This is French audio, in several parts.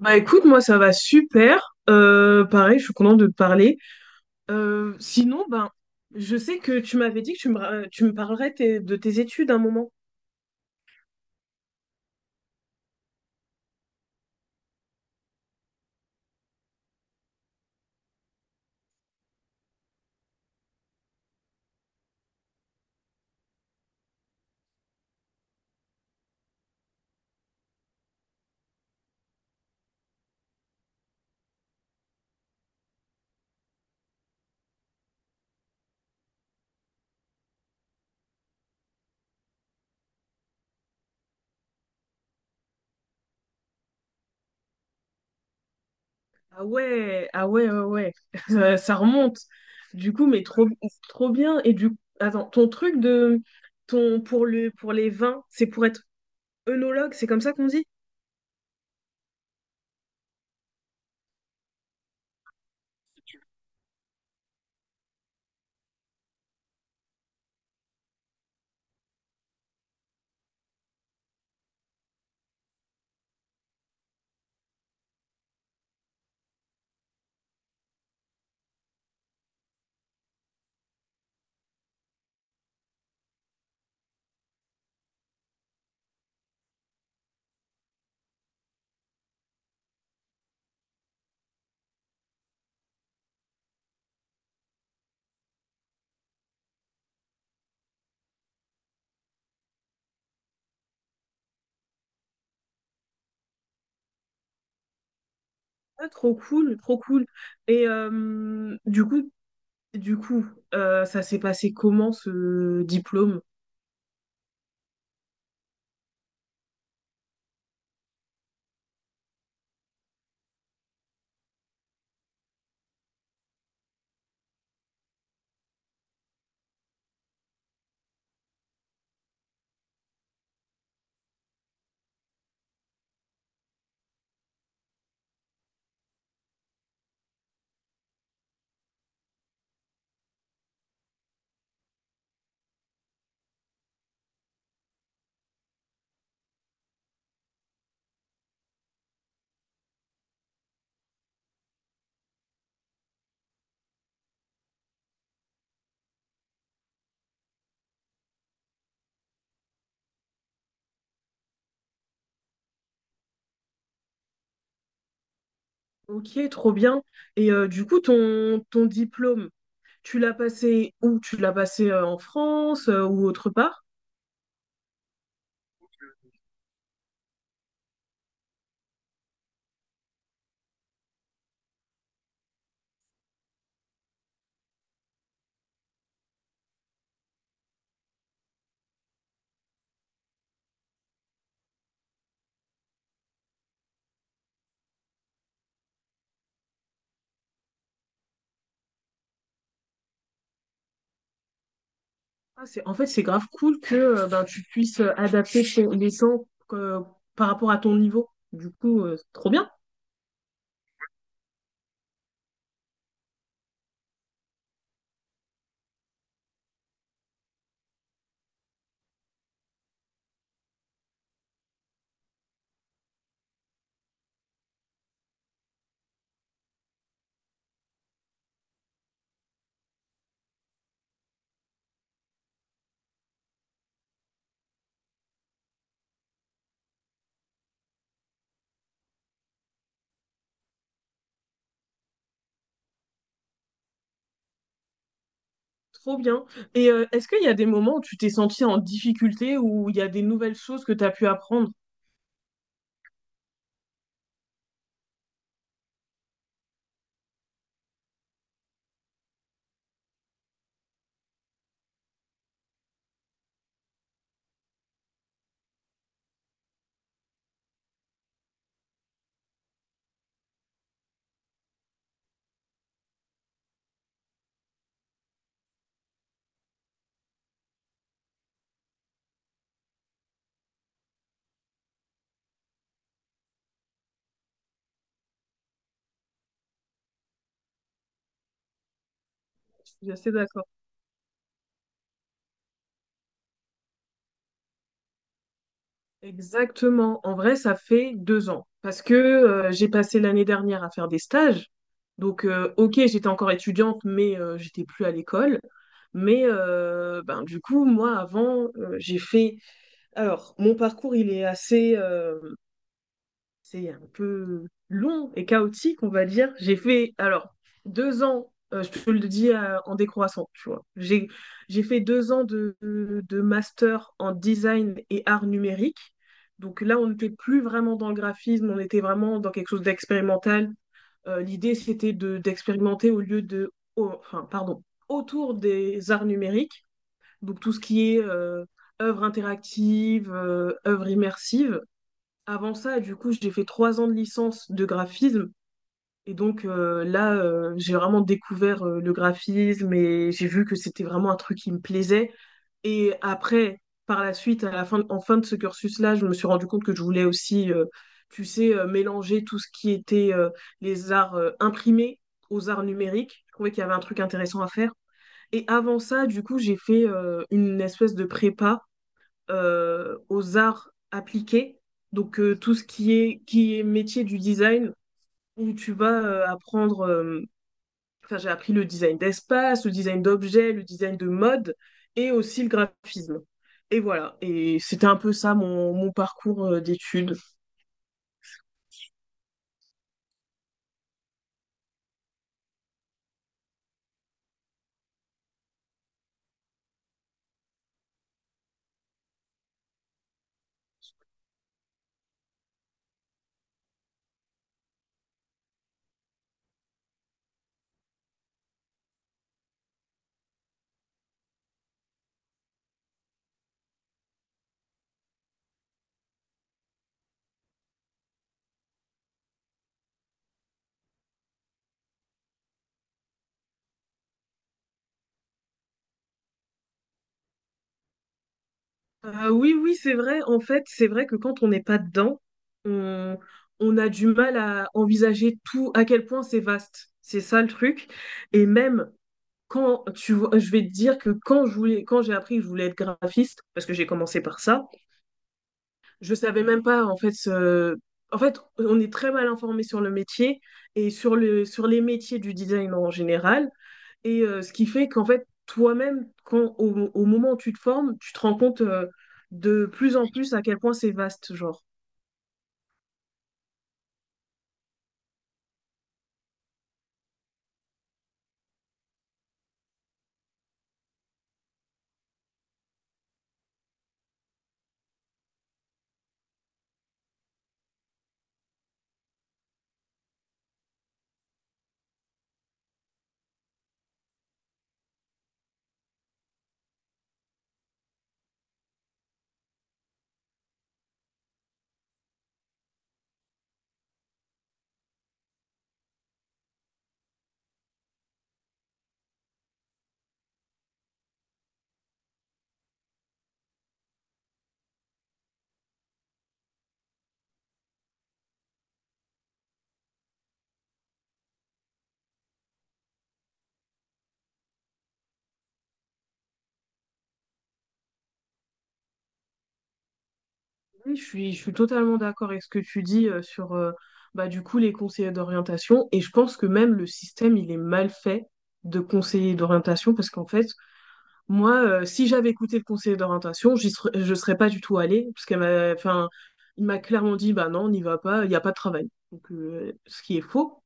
Bah écoute, moi ça va super. Pareil, je suis contente de te parler. Sinon, je sais que tu m'avais dit que tu me parlerais de tes études à un moment. Ah ouais, ah ouais, ouais, ouais. Ça remonte. Du coup, mais trop bien. Et du attends, ton truc de ton pour le pour les vins, c'est pour être œnologue, c'est comme ça qu'on dit? Ah, trop cool, trop cool. Et du coup, du coup, ça s'est passé comment ce diplôme? Ok, trop bien. Et du coup, ton diplôme, tu l'as passé où? Tu l'as passé en France ou autre part? Ah, c'est, en fait, c'est grave cool que ben, tu puisses adapter les sons euh, par rapport à ton niveau. Du coup, trop bien. Et est-ce qu'il y a des moments où tu t'es senti en difficulté ou il y a des nouvelles choses que tu as pu apprendre? Je suis assez d'accord. Exactement. En vrai, ça fait 2 ans parce que j'ai passé l'année dernière à faire des stages. Donc, ok, j'étais encore étudiante, mais j'étais plus à l'école. Mais ben, du coup, moi, avant, j'ai fait... Alors, mon parcours, il est assez... c'est un peu long et chaotique, on va dire. J'ai fait, alors, 2 ans, je te le dis en décroissant, tu vois. J'ai fait 2 ans de master en design et art numérique. Donc là, on n'était plus vraiment dans le graphisme, on était vraiment dans quelque chose d'expérimental. L'idée, c'était d'expérimenter au lieu de, au- enfin, pardon, autour des arts numériques. Donc tout ce qui est œuvre interactive, œuvre immersive. Avant ça, du coup, j'ai fait 3 ans de licence de graphisme. Et donc là, j'ai vraiment découvert le graphisme et j'ai vu que c'était vraiment un truc qui me plaisait. Et après, par la suite, en fin de ce cursus-là, je me suis rendu compte que je voulais aussi, tu sais, mélanger tout ce qui était les arts imprimés aux arts numériques. Je trouvais qu'il y avait un truc intéressant à faire. Et avant ça, du coup, j'ai fait une espèce de prépa aux arts appliqués, donc tout ce qui est métier du design, où tu vas apprendre, enfin j'ai appris le design d'espace, le design d'objets, le design de mode et aussi le graphisme. Et voilà, et c'était un peu ça mon parcours d'études. Oui, oui, c'est vrai, en fait, c'est vrai que quand on n'est pas dedans, on, on a du mal à envisager tout, à quel point c'est vaste. C'est ça le truc. Et même quand tu vois, je vais te dire que quand j'ai appris que je voulais être graphiste, parce que j'ai commencé par ça, je savais même pas en fait. En fait, on est très mal informé sur le métier et sur les métiers du design en général. Et ce qui fait qu'en fait, toi-même, quand au moment où tu te formes, tu te rends compte de plus en plus à quel point c'est vaste, genre. Oui, je suis totalement d'accord avec ce que tu dis sur bah, du coup les conseillers d'orientation, et je pense que même le système il est mal fait de conseiller d'orientation, parce qu'en fait moi si j'avais écouté le conseiller d'orientation je serais pas du tout allée, parce qu'elle m'a enfin il m'a clairement dit bah non, on n'y va pas, il n'y a pas de travail, donc ce qui est faux.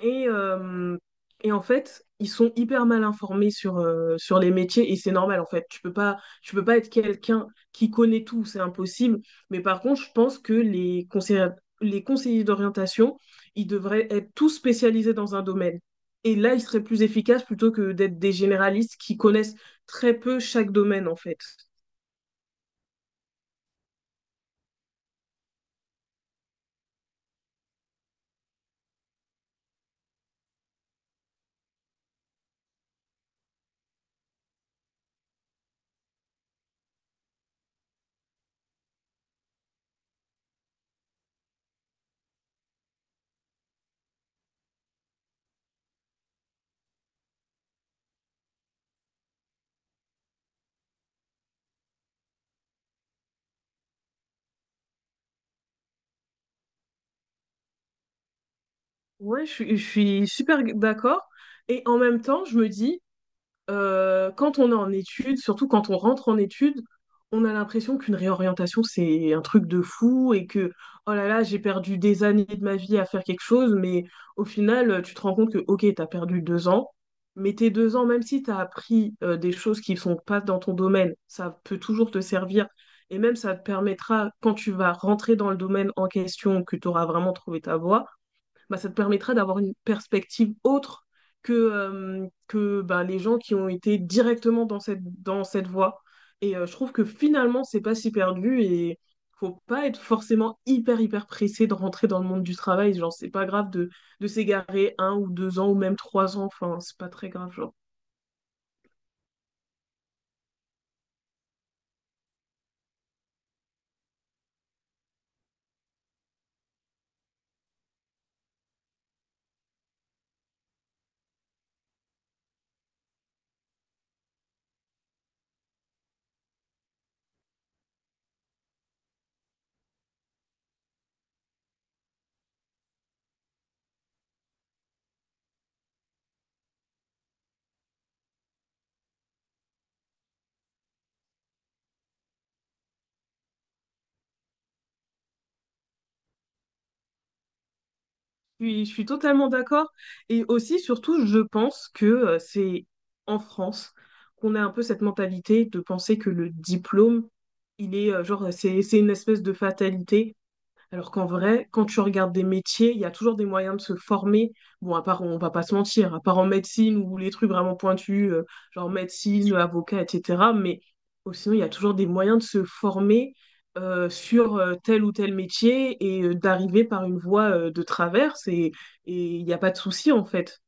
et, euh, et en fait, ils sont hyper mal informés sur sur les métiers, et c'est normal en fait. Tu peux pas être quelqu'un qui connaît tout, c'est impossible. Mais par contre, je pense que les conseillers d'orientation, ils devraient être tous spécialisés dans un domaine. Et là, ils seraient plus efficaces plutôt que d'être des généralistes qui connaissent très peu chaque domaine en fait. Ouais, je suis super d'accord. Et en même temps, je me dis, quand on est en études, surtout quand on rentre en études, on a l'impression qu'une réorientation, c'est un truc de fou et que, oh là là, j'ai perdu des années de ma vie à faire quelque chose, mais au final, tu te rends compte que, ok, t'as perdu 2 ans, mais tes 2 ans, même si t'as appris des choses qui sont pas dans ton domaine, ça peut toujours te servir, et même ça te permettra, quand tu vas rentrer dans le domaine en question, que tu auras vraiment trouvé ta voie, bah, ça te permettra d'avoir une perspective autre que bah, les gens qui ont été directement dans dans cette voie. Et je trouve que finalement, c'est pas si perdu, et faut pas être forcément hyper pressé de rentrer dans le monde du travail. Genre, c'est pas grave de s'égarer un ou 2 ans ou même 3 ans. Enfin, c'est pas très grave, genre. Je suis totalement d'accord. Et aussi, surtout, je pense que c'est en France qu'on a un peu cette mentalité de penser que le diplôme, il est genre, c'est une espèce de fatalité, alors qu'en vrai, quand tu regardes des métiers, il y a toujours des moyens de se former. Bon, à part, on va pas se mentir, à part en médecine ou les trucs vraiment pointus, genre médecine, avocat, etc. Mais oh, sinon, il y a toujours des moyens de se former sur tel ou tel métier et d'arriver par une voie de traverse. Et il n'y a pas de souci, en fait.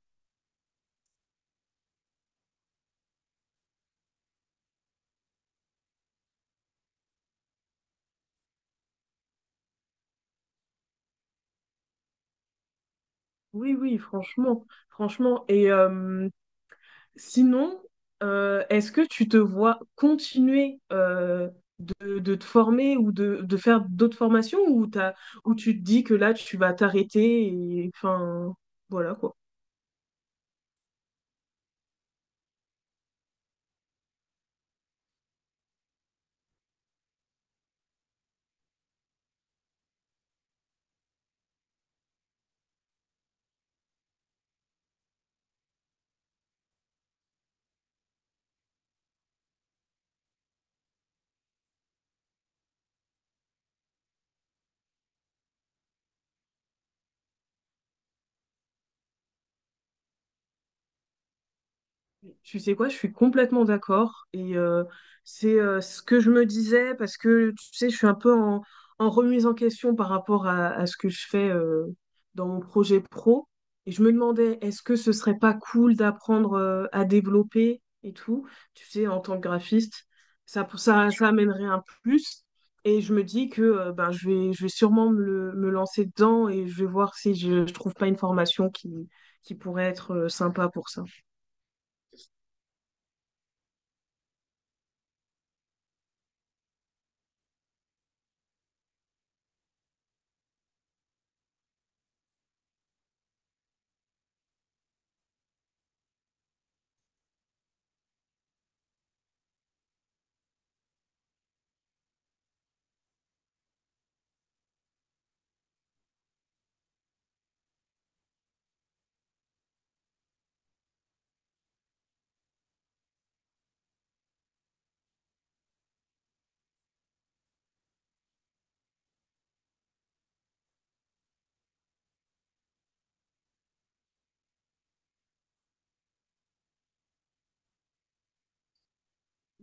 Oui, oui, franchement. Franchement. Sinon, est-ce que tu te vois continuer de te former ou de faire d'autres formations, ou ou tu te dis que là, tu vas t'arrêter et enfin, voilà quoi. Tu sais quoi, je suis complètement d'accord. Et c'est ce que je me disais parce que, tu sais, je suis un peu en remise en question par rapport à ce que je fais dans mon projet pro. Et je me demandais, est-ce que ce serait pas cool d'apprendre à développer et tout, tu sais, en tant que graphiste, ça amènerait un plus. Et je me dis que ben, je vais sûrement me lancer dedans, et je vais voir si je trouve pas une formation qui pourrait être sympa pour ça.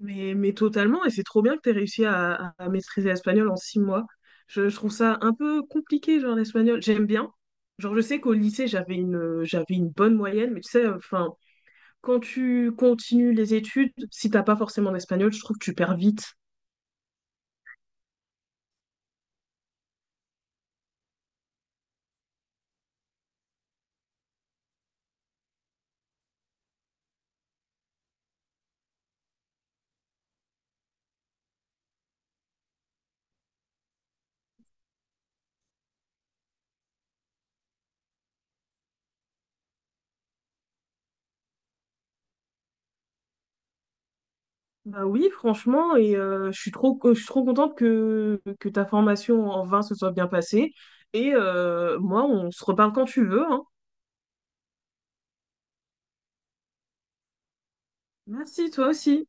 Mais totalement, et c'est trop bien que tu aies réussi à maîtriser l'espagnol en 6 mois. Je trouve ça un peu compliqué, genre l'espagnol. J'aime bien. Genre, je sais qu'au lycée, j'avais j'avais une bonne moyenne, mais tu sais, enfin, quand tu continues les études, si t'as pas forcément l'espagnol, je trouve que tu perds vite. Bah oui, franchement, et je suis trop contente que ta formation en vin se soit bien passée. Et moi, on se reparle quand tu veux, hein. Merci, toi aussi.